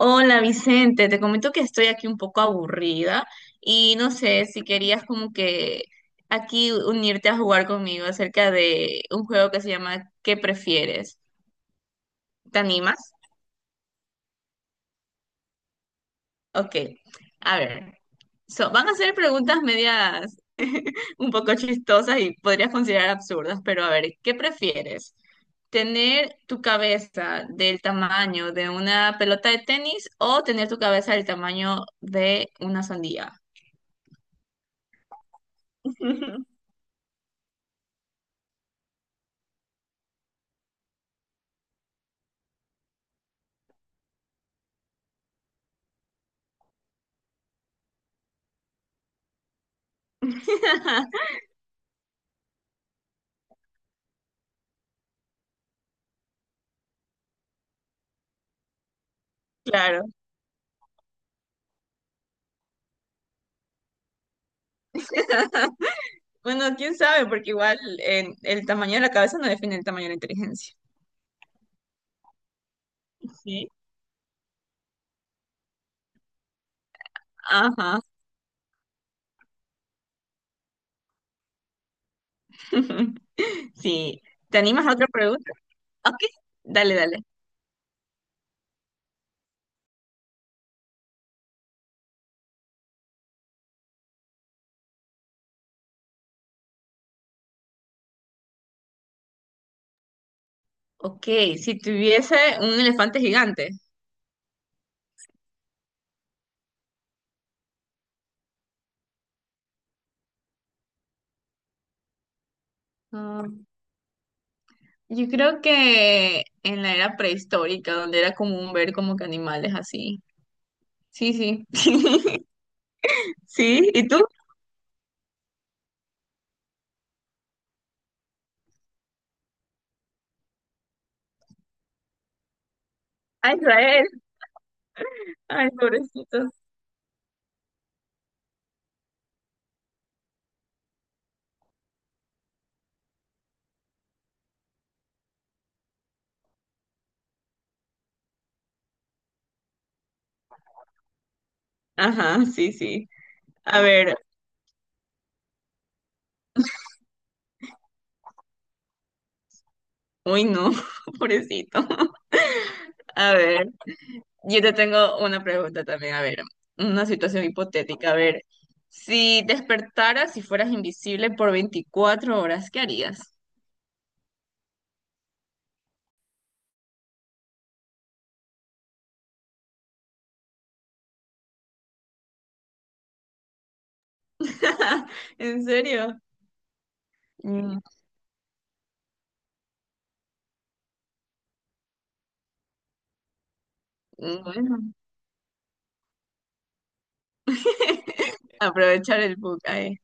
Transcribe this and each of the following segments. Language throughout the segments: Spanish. Hola Vicente, te comento que estoy aquí un poco aburrida y no sé si querías como que aquí unirte a jugar conmigo acerca de un juego que se llama ¿Qué prefieres? ¿Te animas? Ok, a ver, so, van a ser preguntas medias un poco chistosas y podrías considerar absurdas, pero a ver, ¿qué prefieres? ¿Tener tu cabeza del tamaño de una pelota de tenis o tener tu cabeza del tamaño de una sandía? Claro. Bueno, quién sabe, porque igual el tamaño de la cabeza no define el tamaño de la inteligencia. Sí. Ajá. Sí. ¿Te animas a otra pregunta? Ok. Dale, dale. Ok, si tuviese un elefante gigante. Ah, yo creo que en la era prehistórica, donde era común ver como que animales así. Sí, sí. Sí, ¿y tú? A Israel. Ay, pobrecitos. Ajá, sí, sí. A ver, uy, no, pobrecito. A ver. Yo te tengo una pregunta también, a ver, una situación hipotética, a ver, si despertaras y fueras invisible por 24 horas, ¿qué harías? ¿En serio? Mm, bueno, aprovechar el book ahí.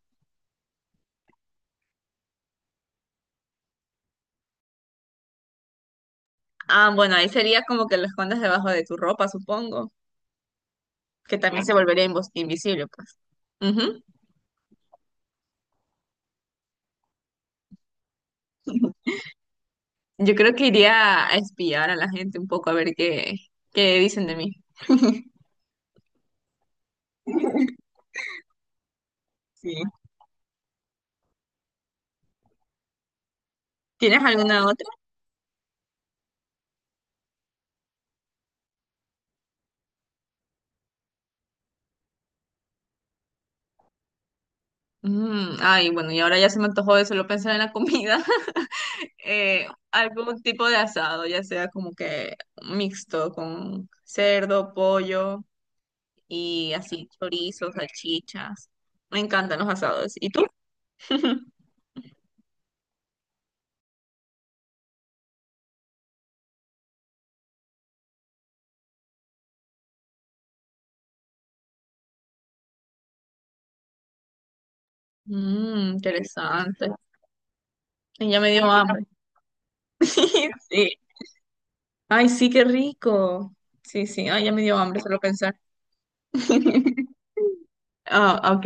Ah, bueno, ahí sería como que lo escondas debajo de tu ropa, supongo, que también se claro, volvería invisible, pues. Ujú. Yo creo que iría a espiar a la gente un poco a ver qué, qué dicen de mí. Sí. ¿Tienes alguna otra? Mm, ay, bueno, y ahora ya se me antojó de solo pensar en la comida. Algún tipo de asado, ya sea como que mixto con cerdo, pollo y así, chorizos, salchichas. Me encantan los asados. ¿Y tú? Mm, interesante. Ay, ya me dio hambre. Sí, sí. Ay, sí, qué rico. Sí, sí, ay, ya me dio hambre solo pensar. Ah, ok.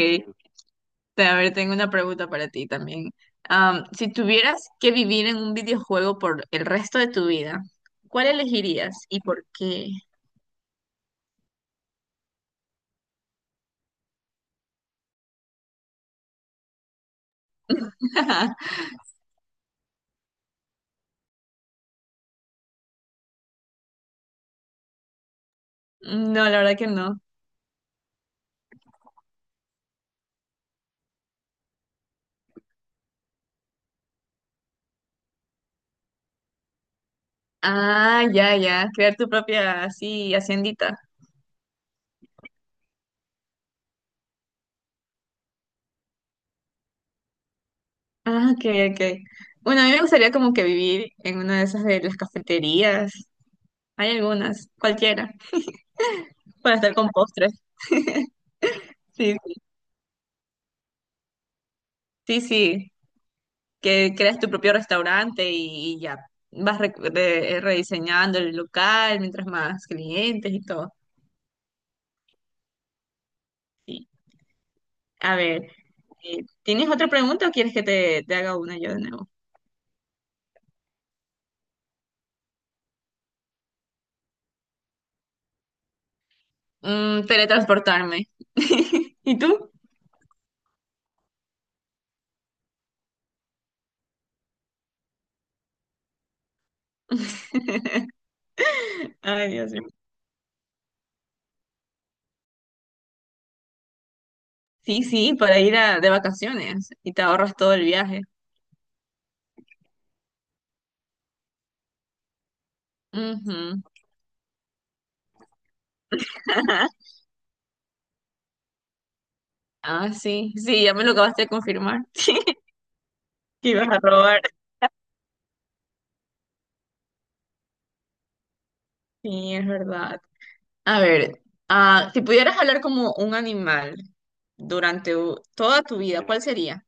A ver, tengo una pregunta para ti también. Am, si tuvieras que vivir en un videojuego por el resto de tu vida, ¿cuál elegirías y por qué? No, la verdad que no. Ah, ya, ya. Crear tu propia, así, haciendita. Ah, ok, ok. Bueno, a mí me gustaría como que vivir en una de esas de las cafeterías. Hay algunas, cualquiera, para estar con postres. Sí, sí, sí, que creas tu propio restaurante y ya vas rediseñando el local mientras más clientes y todo. Sí. A ver, ¿tienes otra pregunta o quieres que te haga una yo de nuevo? Mm, teletransportarme. ¿Y tú? Ay, Dios mío. Sí, sí, para ir de vacaciones y te ahorras todo el viaje. Ujú. Ah, sí, sí, ya me lo acabaste de confirmar. Que ibas a robar. Sí, es verdad. A ver, ah, si pudieras hablar como un animal durante toda tu vida, ¿cuál sería?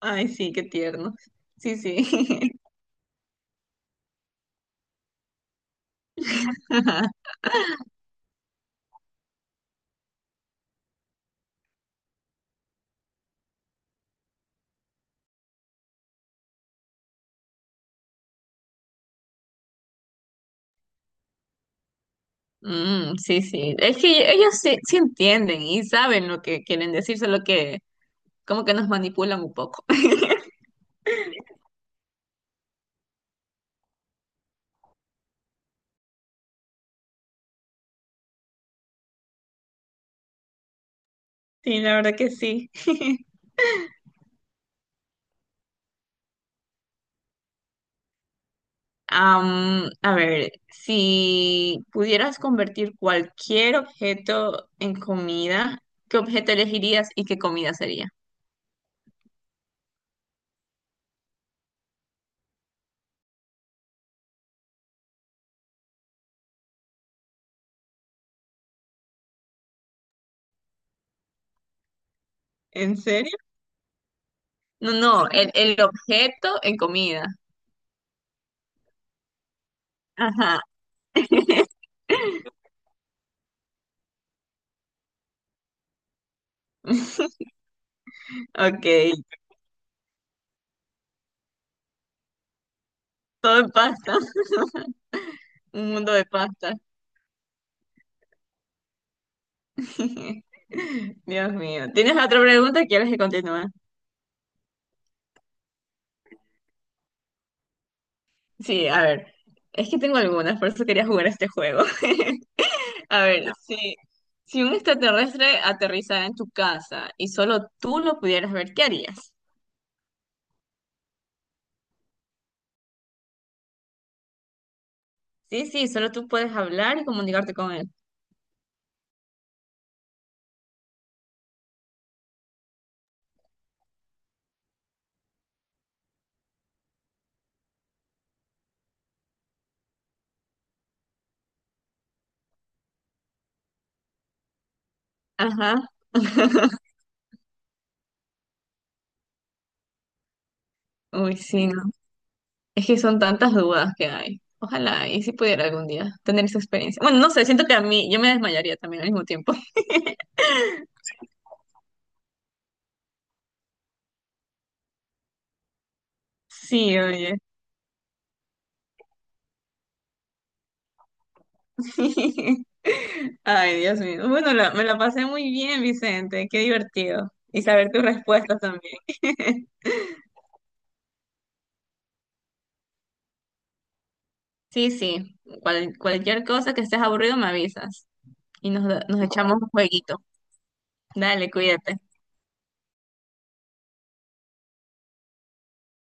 Ay, sí, qué tierno. Sí, sí. Mm, sí, sí. Es que ellos sí, sí entienden y saben lo que quieren decir, solo que como que nos manipulan un poco. Sí, la verdad que sí. Am, a ver, si pudieras convertir cualquier objeto en comida, ¿qué objeto elegirías y qué comida sería? ¿En serio? No, no, el objeto en comida. Ajá. Ok, todo en pasta, un mundo de pasta. Dios mío. ¿Tienes otra pregunta o quieres que continúe? Sí, a ver, es que tengo algunas, por eso quería jugar este juego. A ver, si, si un extraterrestre aterrizara en tu casa y solo tú lo pudieras ver, ¿qué harías? Sí, sí, solo tú puedes hablar y comunicarte con él. Ajá. Uy, sí, no. Es que son tantas dudas que hay. Ojalá, y si pudiera algún día tener esa experiencia. Bueno, no sé, siento que a mí, yo me desmayaría también al mismo tiempo. Sí, oye. Ay, Dios mío. Bueno, me la pasé muy bien, Vicente. Qué divertido. Y saber tus respuestas también. Sí, sí. Cualquier cosa que estés aburrido, me avisas. Y nos, nos echamos un jueguito. Dale, cuídate.